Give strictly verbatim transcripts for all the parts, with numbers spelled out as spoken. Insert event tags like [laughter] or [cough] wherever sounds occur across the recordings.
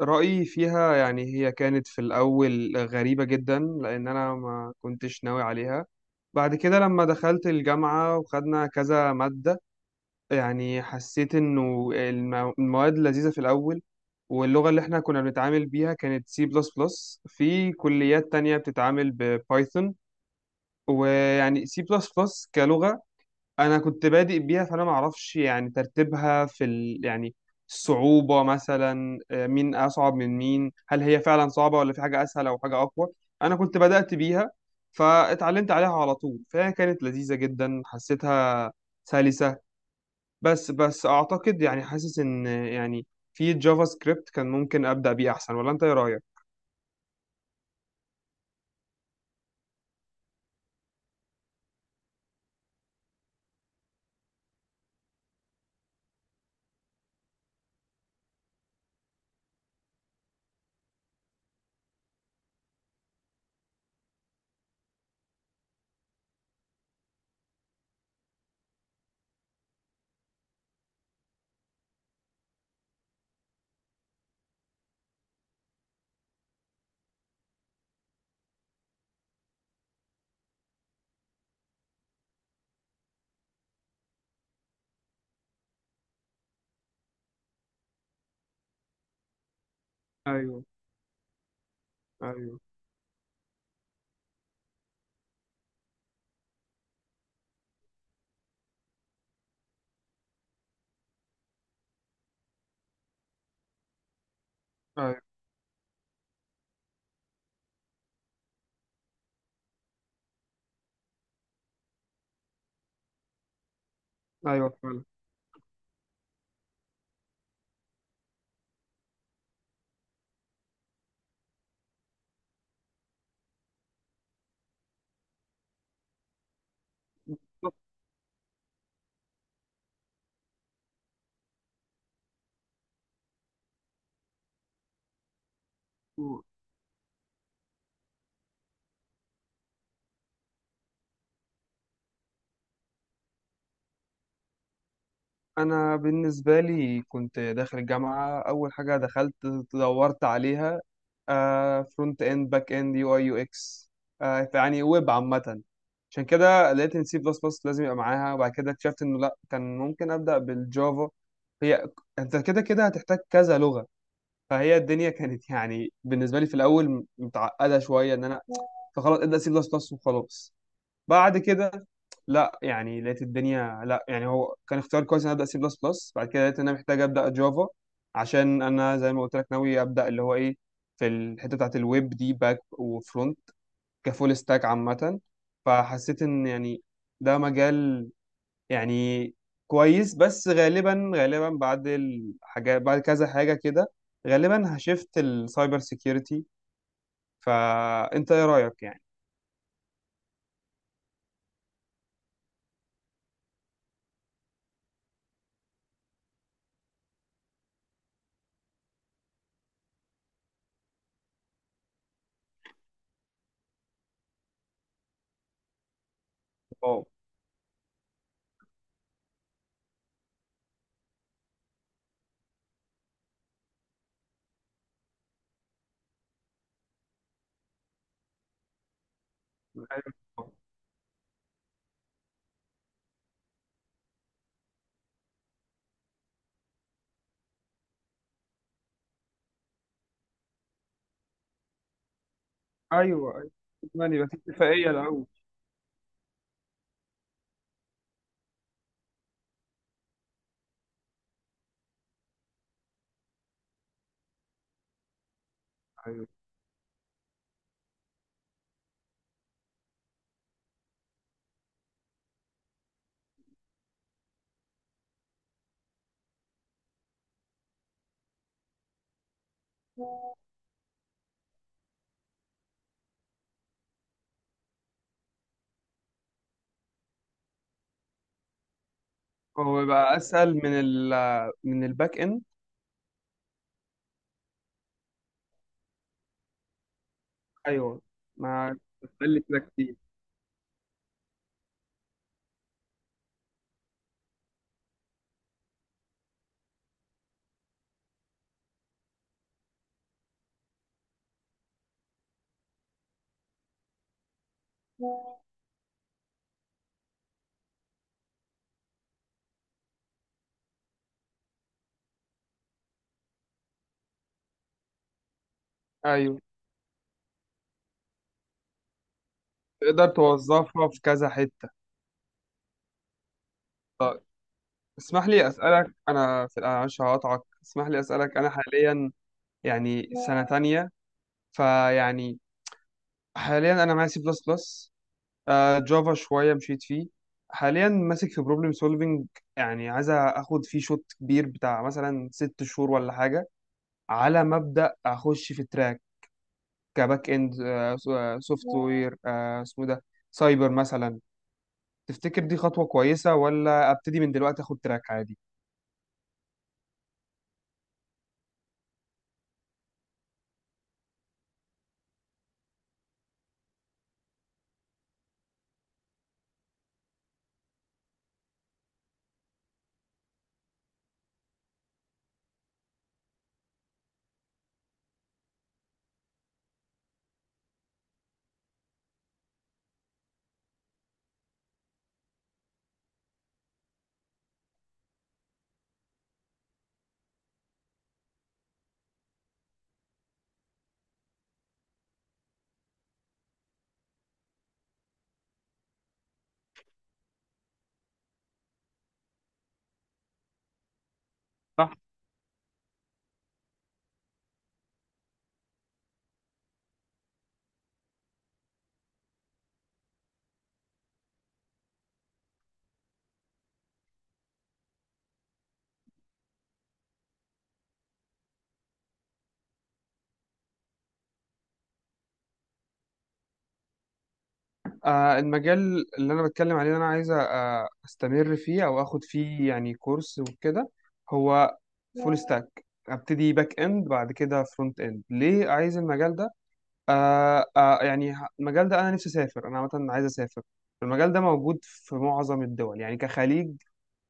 رأيي فيها يعني هي كانت في الأول غريبة جدا، لأن أنا ما كنتش ناوي عليها. بعد كده لما دخلت الجامعة وخدنا كذا مادة، يعني حسيت إنه المو- المواد لذيذة في الأول. واللغة اللي إحنا كنا بنتعامل بيها كانت سي بلس بلس، في كليات تانية بتتعامل ببايثون. ويعني سي بلس بلس كلغة، انا كنت بادئ بيها، فانا ما اعرفش يعني ترتيبها في ال... يعني الصعوبة مثلا، آه، مين اصعب من مين؟ هل هي فعلا صعبة ولا في حاجة اسهل او حاجة اقوى؟ انا كنت بدأت بيها، فاتعلمت عليها على طول، فهي كانت لذيذة جدا، حسيتها سلسة. بس بس اعتقد يعني حاسس ان يعني في جافا سكريبت كان ممكن ابدأ بيه احسن، ولا انت ايه رأيك؟ ايوه، ايوه، ايوه، ايوه، فعلا. انا بالنسبه لي كنت داخل الجامعه، اول حاجه دخلت دورت عليها، فرونت اند، باك اند، يو اي يو اكس، يعني ويب عامه. عشان كده لقيت ان سي بلس بلس لازم يبقى معاها، وبعد كده اكتشفت انه لا، كان ممكن ابدا بالجافا. هي انت كده كده هتحتاج كذا لغه، فهي الدنيا كانت يعني بالنسبه لي في الاول متعقده شويه، ان انا، فخلاص ابدا سي بلس بلس وخلاص. بعد كده لا يعني لقيت الدنيا، لا يعني هو كان اختيار كويس، ان أنا ابدا سي بلس بلس. بعد كده لقيت ان انا محتاج ابدا جافا، عشان انا زي ما قلت لك ناوي ابدا اللي هو ايه، في الحته بتاعت الويب دي، باك وفرونت، كفول ستاك عامه. فحسيت ان يعني ده مجال يعني كويس. بس غالبا غالبا بعد الحاجات، بعد كذا حاجه كده، غالبا هشفت السايبر سيكيورتي. فانت ايه رايك يعني؟ اه، ايوه، ايوه. يعني يبقى في اتفاقيه الاول. ايوه. هو يبقى اسهل من ال من الباك اند؟ ايوه، ما بتخلي كده كتير. ايوه، تقدر توظفها في كذا حته. اسمح لي اسالك انا في أنا معلش هقطعك، اسمح لي اسالك، انا حاليا يعني سنه تانية، فيعني حاليا انا معايا سي بلس بلس، جافا شويه مشيت فيه، حاليا ماسك في بروبلم سولفنج. يعني عايز اخد فيه شوط كبير بتاع مثلا ست شهور ولا حاجه، على مبدأ اخش في تراك كباك اند، سوفت وير اسمه ده سايبر مثلا. تفتكر دي خطوة كويسة، ولا ابتدي من دلوقتي اخد تراك عادي؟ صح. آه، المجال اللي انا بتكلم عليه، اللي انا عايز آه، استمر فيه او اخد فيه يعني كورس وكده، هو فول ستاك. ابتدي باك اند بعد كده فرونت اند. ليه عايز المجال ده؟ آه آه يعني ه- المجال ده انا نفسي اسافر، انا عامه عايز اسافر. المجال ده موجود في معظم الدول، يعني كخليج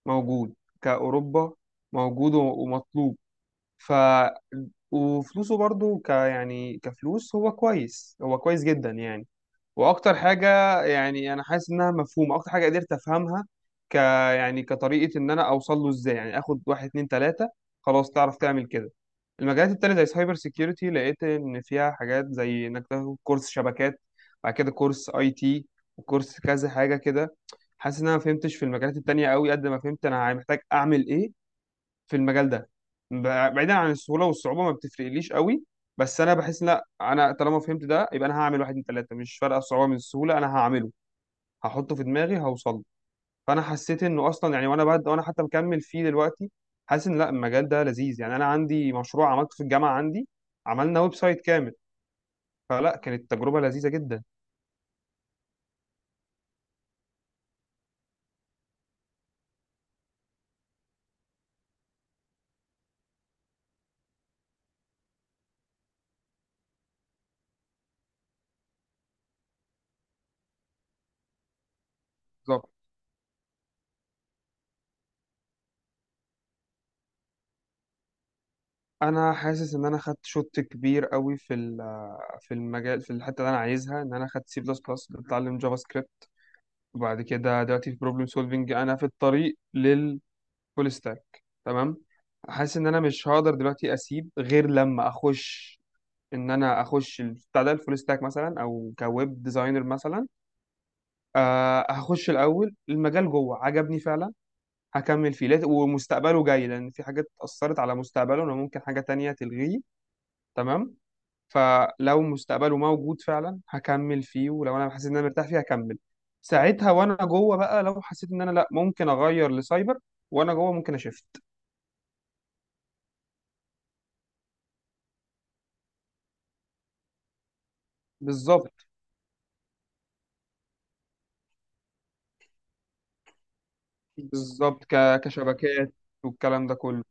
موجود، كأوروبا موجود و- ومطلوب. ف وفلوسه برضو، ك يعني كفلوس، هو كويس، هو كويس جدا يعني. واكتر حاجه، يعني انا حاسس انها مفهومه، اكتر حاجه قدرت افهمها ك يعني كطريقه، ان انا اوصل له ازاي، يعني اخد واحد اتنين تلاته، خلاص تعرف تعمل كده. المجالات التانية زي سايبر سيكيورتي، لقيت ان فيها حاجات زي انك تاخد كورس شبكات، بعد كده كورس اي تي، وكورس كذا حاجه كده. حاسس ان انا ما فهمتش في المجالات التانية قوي قد ما فهمت انا محتاج اعمل ايه في المجال ده، ب- بعيدا عن السهوله والصعوبه ما بتفرقليش قوي. بس انا بحس لا، انا طالما فهمت ده يبقى انا هعمل واحد اتنين تلاته، مش فارقه الصعوبه من السهوله، انا هعمله، هحطه في دماغي، هوصل له. فانا حسيت انه اصلا يعني وانا بعد وانا حتى مكمل فيه دلوقتي، حاسس ان لا، المجال ده لذيذ. يعني انا عندي مشروع عملته في الجامعه عندي، عملنا ويب سايت كامل، فلا كانت تجربه لذيذه جدا. بالظبط. انا حاسس ان انا خدت شوت كبير قوي في ال- في المجال، في الحته اللي انا عايزها، ان انا خدت سي بلس بلس، بتعلم جافا سكريبت، وبعد كده دلوقتي في بروبلم سولفنج انا في الطريق للفول ستاك، تمام. حاسس ان انا مش هقدر دلوقتي اسيب غير لما اخش، ان انا اخش بتاع ده الفول ستاك مثلا او كويب ديزاينر مثلا. آه، هخش الاول المجال، جوه عجبني فعلا، هكمل فيه لات- ومستقبله جاي، لان في حاجات اثرت على مستقبله، انا ممكن حاجه تانية تلغيه. تمام. فلو مستقبله موجود فعلا هكمل فيه، ولو انا حسيت ان انا مرتاح فيه هكمل. ساعتها وانا جوه بقى، لو حسيت ان انا لا، ممكن اغير لسايبر، وانا جوه ممكن اشفت. بالظبط، بالظبط. ك... كشبكات، والكلام ده كله.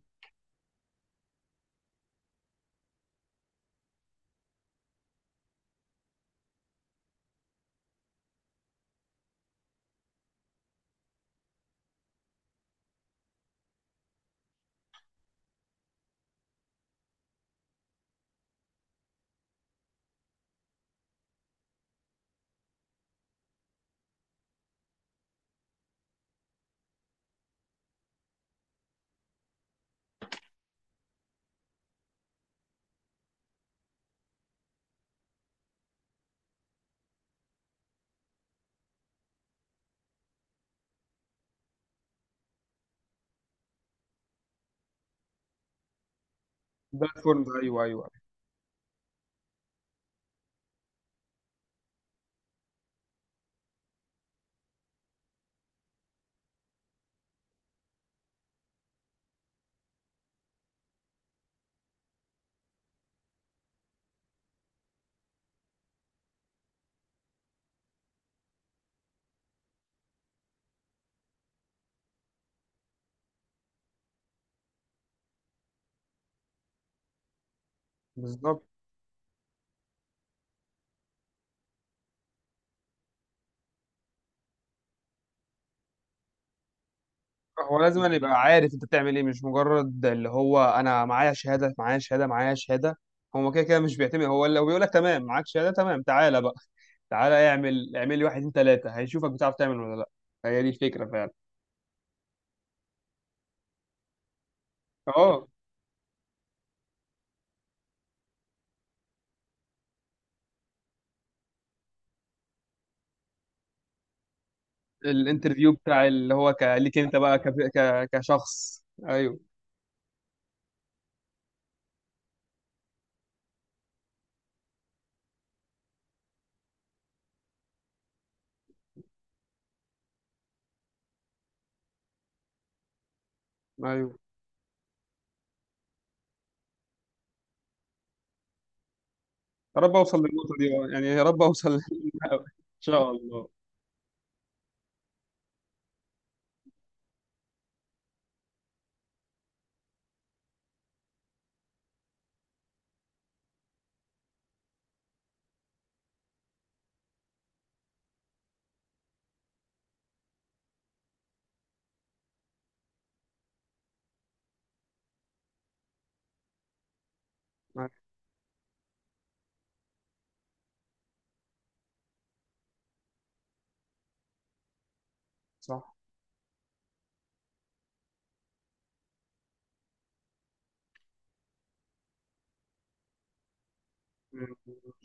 بلاتفورم، ايوه، ايوه، أيوه. بالظبط. هو لازم أن يبقى عارف انت بتعمل ايه، مش مجرد اللي هو انا معايا شهاده، معايا شهاده، معايا شهاده. هو كده كده مش بيعتمد، هو لو بيقول لك تمام معاك شهاده، تمام تعالى بقى، تعالى اعمل، اعمل لي واحد اتنين تلاته، هيشوفك بتعرف تعمل ولا لا. هي دي الفكره فعلا. اه، الانترفيو بتاع، اللي هو ك... ليك انت بقى، ك... ك... كشخص، ايوه، ايوه. يا رب اوصل للنقطه دي آه. يعني يا رب اوصل [laughs] للنقطة دي. ان شاء الله. صح.